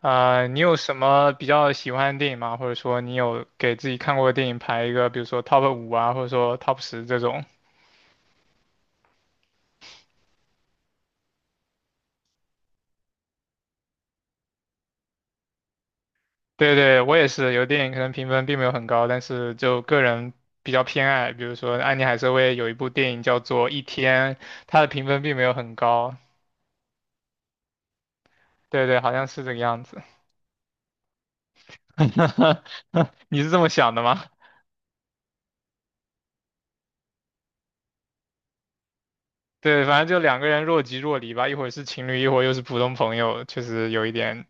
啊、你有什么比较喜欢的电影吗？或者说你有给自己看过的电影排一个，比如说 top 5啊，或者说 top 10这种？对对，我也是，有电影可能评分并没有很高，但是就个人比较偏爱。比如说安妮海瑟薇有一部电影叫做《一天》，它的评分并没有很高。对对，好像是这个样子。你是这么想的吗？对，反正就两个人若即若离吧，一会儿是情侣，一会儿又是普通朋友，确实有一点。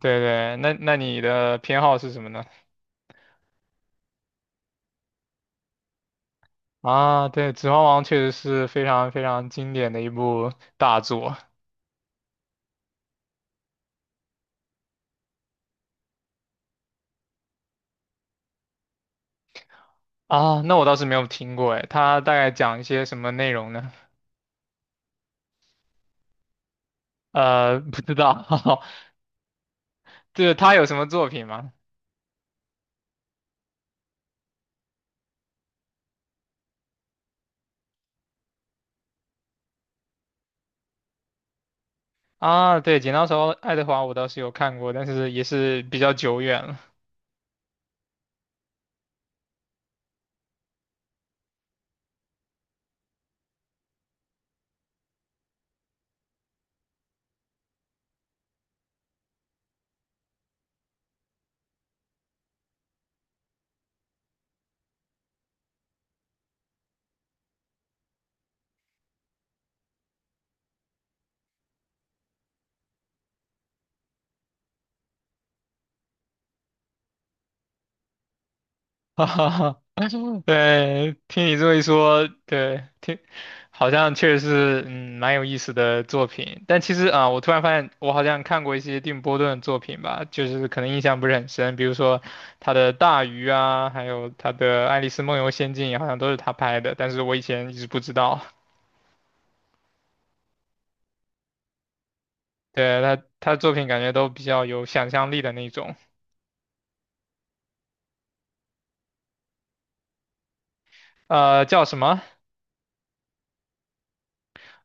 对对，那你的偏好是什么呢？啊，对，《指环王》确实是非常非常经典的一部大作啊。那我倒是没有听过，哎，它大概讲一些什么内容呢？不知道，就是它有什么作品吗？啊，对，《剪刀手爱德华》我倒是有看过，但是也是比较久远了。哈哈哈，对，听你这么一说，对，好像确实是，蛮有意思的作品。但其实啊，我突然发现，我好像看过一些定波顿的作品吧，就是可能印象不是很深，比如说他的《大鱼》啊，还有他的《爱丽丝梦游仙境》，好像都是他拍的，但是我以前一直不知道。对，他的作品感觉都比较有想象力的那种。叫什么？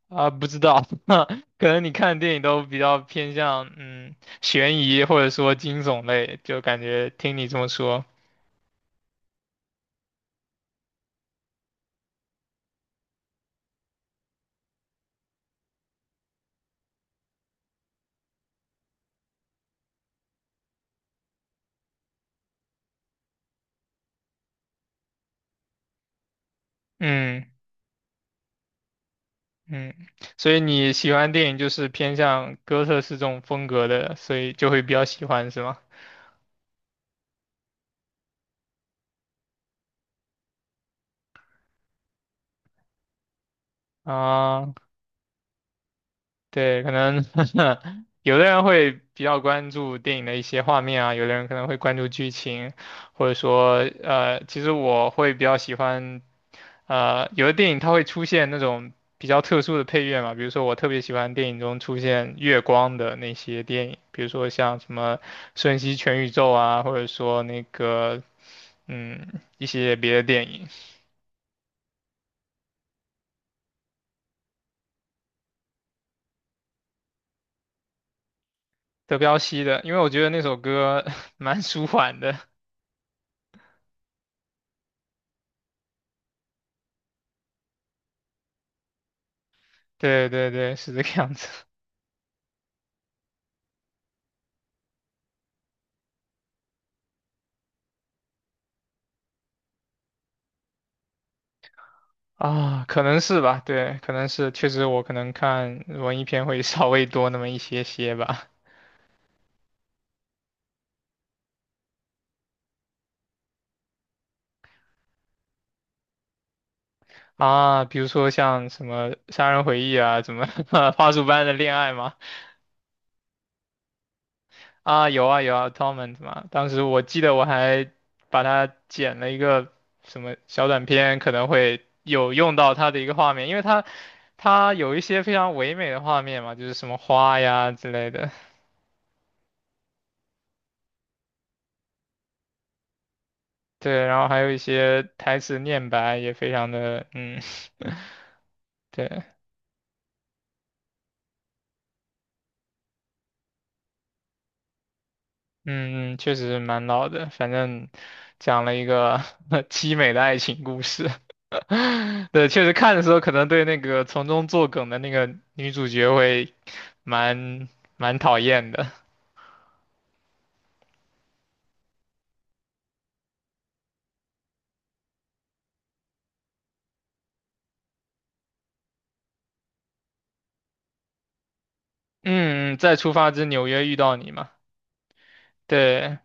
啊，不知道，可能你看电影都比较偏向悬疑或者说惊悚类，就感觉听你这么说，嗯嗯，所以你喜欢电影就是偏向哥特式这种风格的，所以就会比较喜欢是吗？啊、对，可能 有的人会比较关注电影的一些画面啊，有的人可能会关注剧情，或者说，其实我会比较喜欢，有的电影它会出现那种比较特殊的配乐嘛，比如说我特别喜欢电影中出现月光的那些电影，比如说像什么《瞬息全宇宙》啊，或者说那个，一些别的电影，德彪西的，因为我觉得那首歌 蛮舒缓的。对对对，是这个样子。啊，可能是吧，对，可能是，确实我可能看文艺片会 稍微多那么一些些吧。啊，比如说像什么《杀人回忆》啊，什么 《花束般的恋爱》嘛，啊，有啊有啊，Torment 嘛，当时我记得我还把它剪了一个什么小短片，可能会有用到它的一个画面，因为它有一些非常唯美的画面嘛，就是什么花呀之类的，对，然后还有一些台词念白也非常的，对。嗯，确实蛮老的，反正讲了一个 凄美的爱情故事。对，确实看的时候可能对那个从中作梗的那个女主角会蛮蛮讨厌的。嗯，在出发之纽约遇到你嘛？对，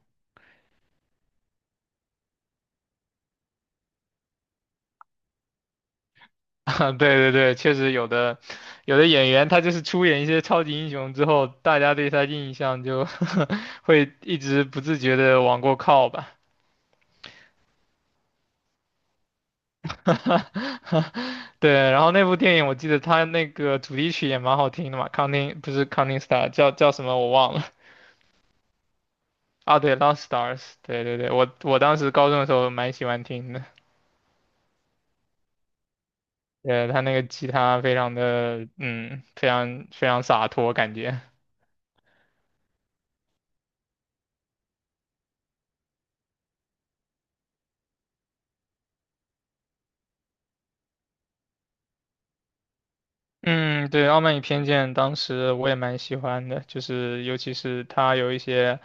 啊对对对，确实有的演员他就是出演一些超级英雄之后，大家对他印象就 会一直不自觉的往过靠吧。对，然后那部电影我记得它那个主题曲也蛮好听的嘛，Counting 不是 Counting Star 叫什么我忘了啊，对，Lost Stars，对对对，我当时高中的时候蛮喜欢听的，他那个吉他非常的非常非常洒脱感觉。嗯，对，《傲慢与偏见》当时我也蛮喜欢的，就是尤其是他有一些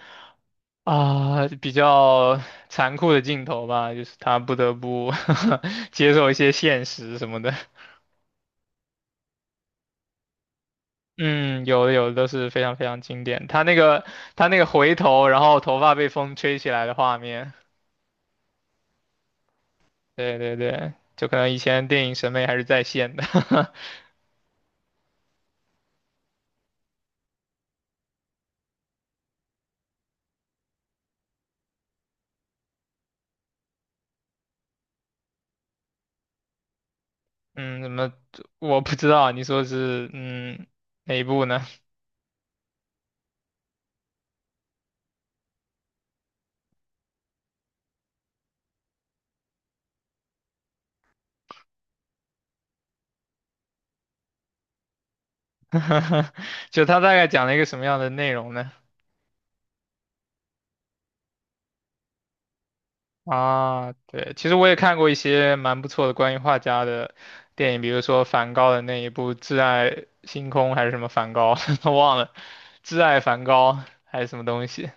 啊、比较残酷的镜头吧，就是他不得不 接受一些现实什么的。嗯，有的都是非常非常经典。他那个回头，然后头发被风吹起来的画面，对对对，就可能以前电影审美还是在线的。嗯，怎么我不知道你说是哪一部呢？就他大概讲了一个什么样的内容呢？啊，对，其实我也看过一些蛮不错的关于画家的电影，比如说梵高的那一部《挚爱星空》还是什么梵高，忘了，《挚爱梵高》还是什么东西。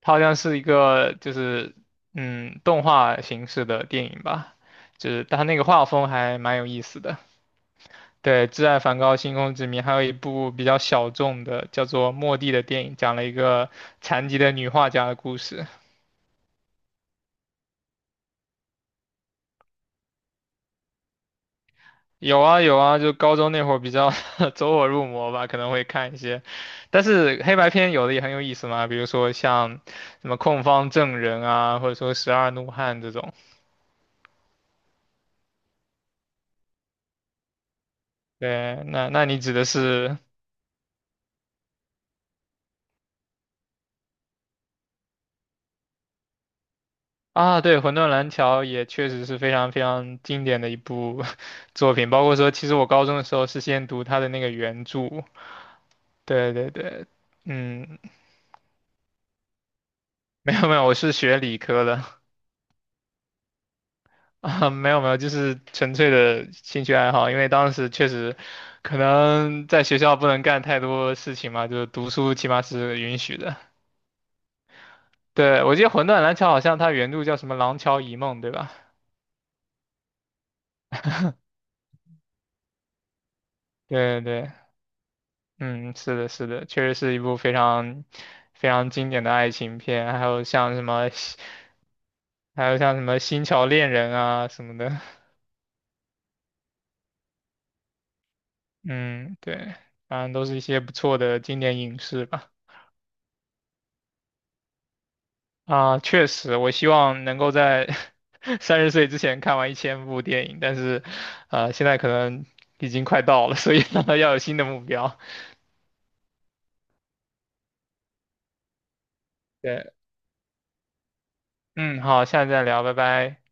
它好像是一个就是动画形式的电影吧，就是它那个画风还蛮有意思的。对，《挚爱梵高：星空之谜》，还有一部比较小众的叫做《末地》的电影，讲了一个残疾的女画家的故事。有啊有啊，就高中那会儿比较 走火入魔吧，可能会看一些，但是黑白片有的也很有意思嘛，比如说像什么《控方证人》啊，或者说《十二怒汉》这种。对，那那你指的是？啊，对，《魂断蓝桥》也确实是非常非常经典的一部 作品，包括说，其实我高中的时候是先读它的那个原著，对对对，嗯，没有没有，我是学理科的 啊，没有没有，就是纯粹的兴趣爱好，因为当时确实可能在学校不能干太多事情嘛，就是读书起码是允许的。对，我记得《魂断蓝桥》好像它原著叫什么《廊桥遗梦》，对吧？对对。嗯，是的，是的，确实是一部非常非常经典的爱情片，还有像什么《星桥恋人》啊什么的，嗯，对，反正都是一些不错的经典影视吧。啊，确实，我希望能够在 30岁之前看完1000部电影，但是，现在可能已经快到了，所以 要有新的目标。对，嗯，好，下次再聊，拜拜。